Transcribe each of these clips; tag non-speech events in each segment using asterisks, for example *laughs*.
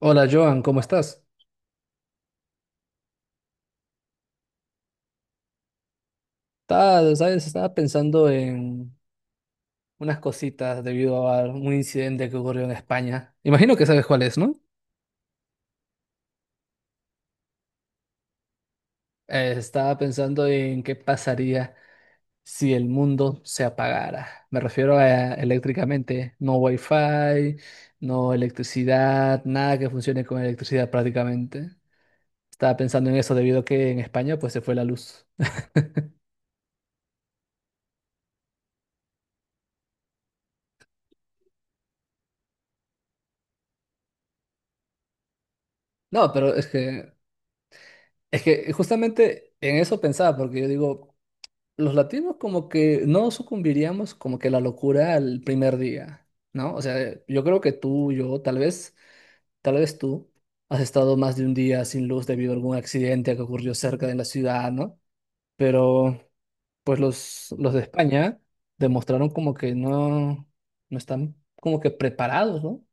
Hola Joan, ¿cómo estás? Estaba, ¿sabes? Estaba pensando en unas cositas debido a un incidente que ocurrió en España. Imagino que sabes cuál es, ¿no? Estaba pensando en qué pasaría si el mundo se apagara. Me refiero a eléctricamente, no wifi, no electricidad, nada que funcione con electricidad prácticamente. Estaba pensando en eso debido a que en España pues se fue la luz. No, pero es que justamente en eso pensaba, porque yo digo, los latinos como que no sucumbiríamos como que a la locura al primer día, ¿no? O sea, yo creo que tú, yo, tal vez tú has estado más de un día sin luz debido a algún accidente que ocurrió cerca de la ciudad, ¿no? Pero pues los de España demostraron como que no, no están como que preparados, ¿no?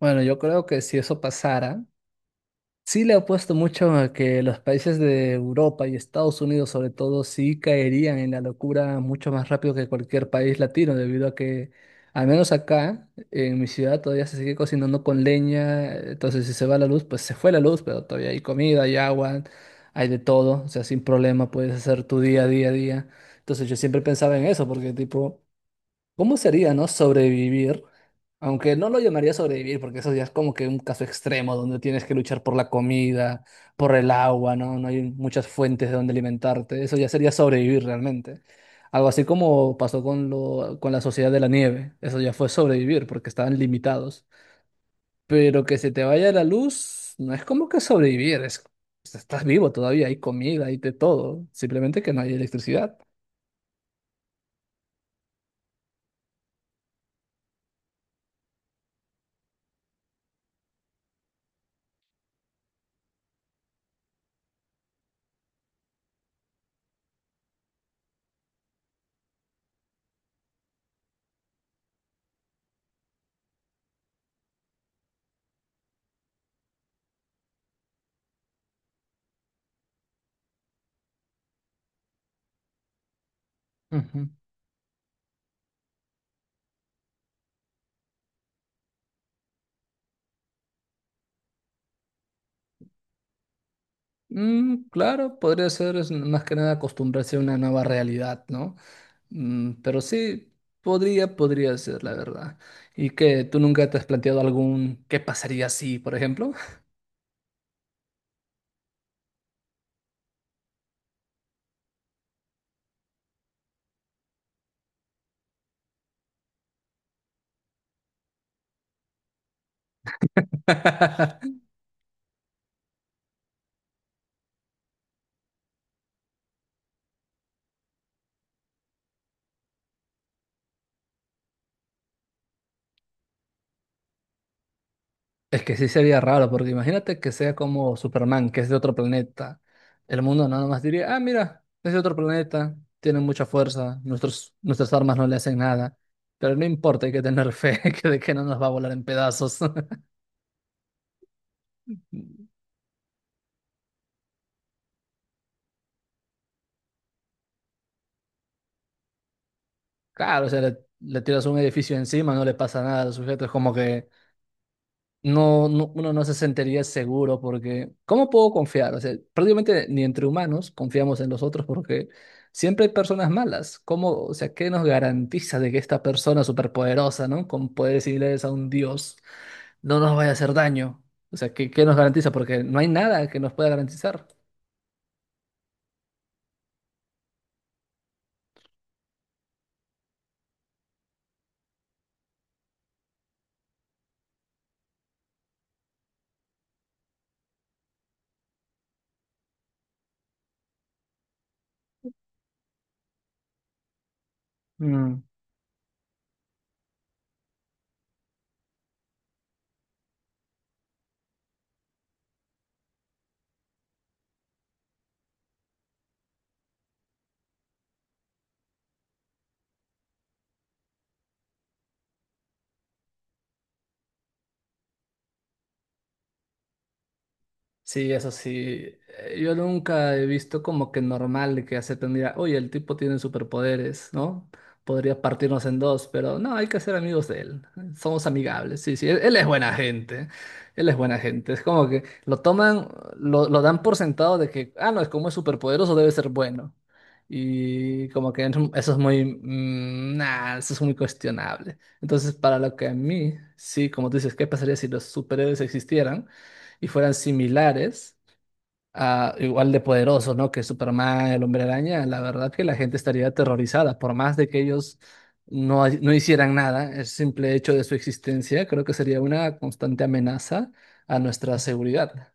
Bueno, yo creo que si eso pasara, sí le apuesto mucho a que los países de Europa y Estados Unidos sobre todo sí caerían en la locura mucho más rápido que cualquier país latino, debido a que al menos acá, en mi ciudad, todavía se sigue cocinando con leña. Entonces si se va la luz, pues se fue la luz, pero todavía hay comida, hay agua, hay de todo. O sea, sin problema puedes hacer tu día, a día, a día. Entonces yo siempre pensaba en eso, porque tipo, ¿cómo sería, no? Sobrevivir, aunque no lo llamaría sobrevivir, porque eso ya es como que un caso extremo donde tienes que luchar por la comida, por el agua, ¿no? No hay muchas fuentes de donde alimentarte. Eso ya sería sobrevivir realmente. Algo así como pasó con lo, con la Sociedad de la Nieve. Eso ya fue sobrevivir porque estaban limitados. Pero que se te vaya la luz, no es como que sobrevivir, es, pues, estás vivo todavía, hay comida, hay de todo. Simplemente que no hay electricidad. Ujú. Claro, podría ser, es más que nada acostumbrarse a una nueva realidad, ¿no? Mm, pero sí, podría ser, la verdad. ¿Y que ¿Tú nunca te has planteado algún qué pasaría si, por ejemplo? *laughs* Es que sí sería raro, porque imagínate que sea como Superman, que es de otro planeta. El mundo nada más diría, ah, mira, es de otro planeta, tiene mucha fuerza, nuestras armas no le hacen nada. Pero no importa, hay que tener fe *laughs* que de que no nos va a volar en pedazos. *laughs* Claro, o sea, le tiras un edificio encima, no le pasa nada al sujeto, es como que uno no se sentiría seguro porque, ¿cómo puedo confiar? O sea, prácticamente ni entre humanos confiamos en los otros porque siempre hay personas malas. ¿Cómo, o sea, qué nos garantiza de que esta persona superpoderosa, ¿no? Con poderes similares a un dios, no nos vaya a hacer daño? O sea, ¿qué, qué nos garantiza? Porque no hay nada que nos pueda garantizar. Sí, eso sí. Yo nunca he visto como que normal de que acepten, mira, oye, el tipo tiene superpoderes, ¿no? Podría partirnos en dos, pero no, hay que ser amigos de él. Somos amigables, sí, sí. Él es buena gente. Él es buena gente. Es como que lo toman, lo dan por sentado de que, ah, no, es como es superpoderoso, debe ser bueno. Y como que eso es muy, eso es muy cuestionable. Entonces, para lo que a mí, sí, como tú dices, ¿qué pasaría si los superhéroes existieran y fueran similares, a, igual de poderosos, ¿no? Que Superman, el Hombre Araña? La verdad que la gente estaría aterrorizada, por más de que ellos no hicieran nada, el simple hecho de su existencia creo que sería una constante amenaza a nuestra seguridad.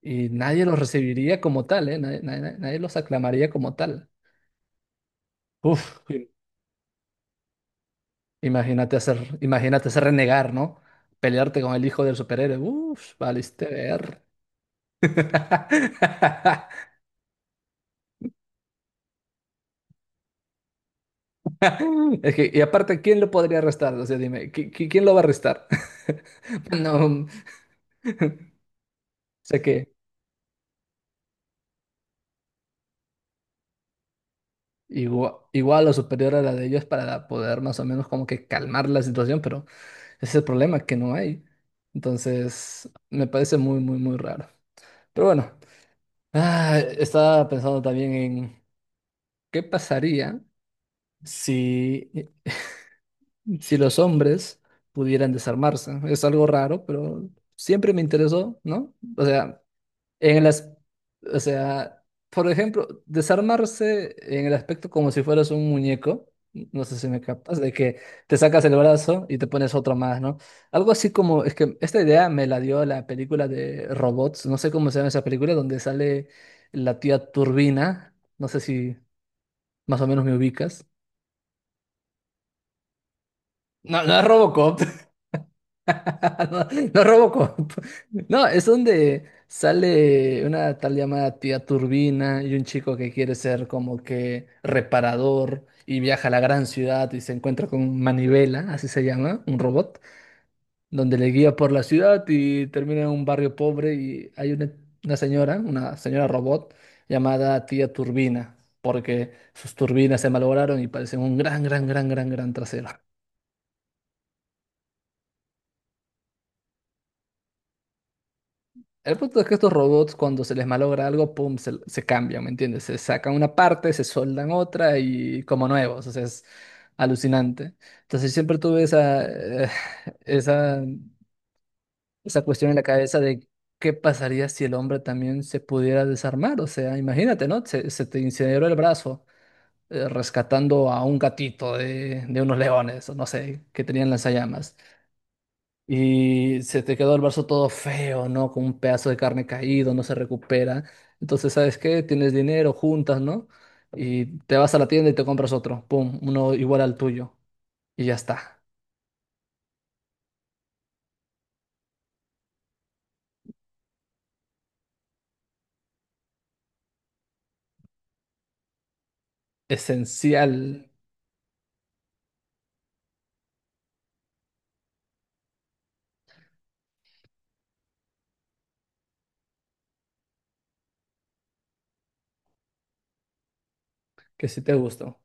Y nadie los recibiría como tal, ¿eh? Nadie, nadie los aclamaría como tal. Uf, im- imagínate imagínate hacer renegar, ¿no? Pelearte con el hijo del superhéroe. Uf, valiste ver. *laughs* Es que, y aparte, ¿quién lo podría arrestar? O sea, dime, ¿quién lo va a arrestar? *laughs* No, sé que igual o superior a la de ellos para poder más o menos como que calmar la situación, pero ese es el problema que no hay. Entonces, me parece muy raro. Pero bueno, estaba pensando también en qué pasaría si, si los hombres pudieran desarmarse. Es algo raro, pero siempre me interesó, ¿no? O sea, En el as- o sea, por ejemplo, desarmarse en el aspecto como si fueras un muñeco, no sé si me captas, de que te sacas el brazo y te pones otro más, ¿no? Algo así como, es que esta idea me la dio la película de Robots, no sé cómo se llama esa película, donde sale la tía Turbina, no sé si más o menos me ubicas. No, no es Robocop. *laughs* No, no Robocop. *laughs* No, es donde sale una tal llamada tía Turbina y un chico que quiere ser como que reparador y viaja a la gran ciudad y se encuentra con Manivela, así se llama, un robot, donde le guía por la ciudad y termina en un barrio pobre y hay una señora robot llamada tía Turbina, porque sus turbinas se malograron y parecen un gran trasero. El punto es que estos robots, cuando se les malogra algo, pum, se cambian, ¿me entiendes? Se sacan una parte, se soldan otra y como nuevos, o sea, es alucinante. Entonces siempre tuve esa, esa cuestión en la cabeza de qué pasaría si el hombre también se pudiera desarmar, o sea, imagínate, ¿no? Se te incineró el brazo rescatando a un gatito de unos leones, o no sé, que tenían lanzallamas. Y se te quedó el brazo todo feo, ¿no? Con un pedazo de carne caído, no se recupera. Entonces, ¿sabes qué? Tienes dinero, juntas, ¿no? Y te vas a la tienda y te compras otro. Pum, uno igual al tuyo. Y ya está. Esencial que sí te gustó.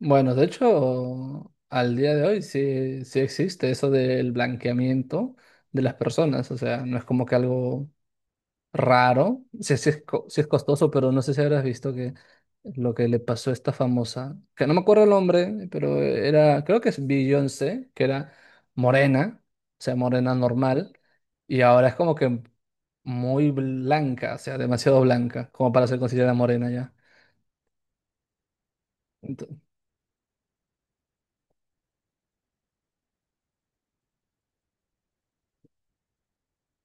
Bueno, de hecho, al día de hoy sí, sí existe eso del blanqueamiento de las personas. O sea, no es como que algo raro, sí, sí es, sí es costoso, pero no sé si habrás visto que lo que le pasó a esta famosa, que no me acuerdo el nombre, pero era, creo que es Beyoncé, que era morena, o sea, morena normal, y ahora es como que muy blanca, o sea, demasiado blanca, como para ser considerada morena ya. Ento-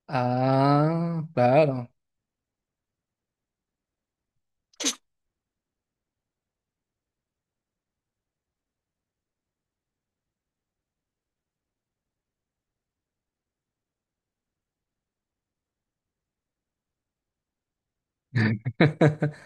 ah, claro. *laughs*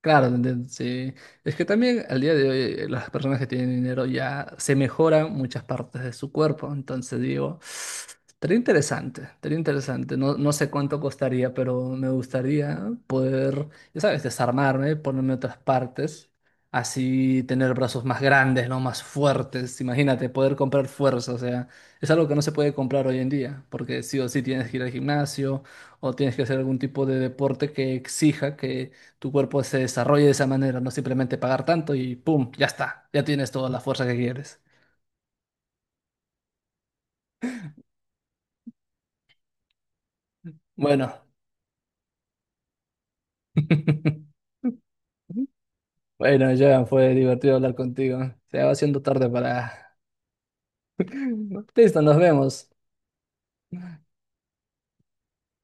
Claro, te entiendo, sí. Es que también al día de hoy las personas que tienen dinero ya se mejoran muchas partes de su cuerpo. Entonces digo, estaría interesante. No, no sé cuánto costaría, pero me gustaría poder, ya sabes, desarmarme, ponerme otras partes, así tener brazos más grandes, ¿no? Más fuertes. Imagínate, poder comprar fuerza. O sea, es algo que no se puede comprar hoy en día, porque sí o sí tienes que ir al gimnasio o tienes que hacer algún tipo de deporte que exija que tu cuerpo se desarrolle de esa manera, no simplemente pagar tanto y ¡pum! Ya está, ya tienes toda la fuerza que quieres. Bueno, *laughs* bueno, ya fue divertido hablar contigo. Se va haciendo tarde para... *laughs* Listo, nos vemos.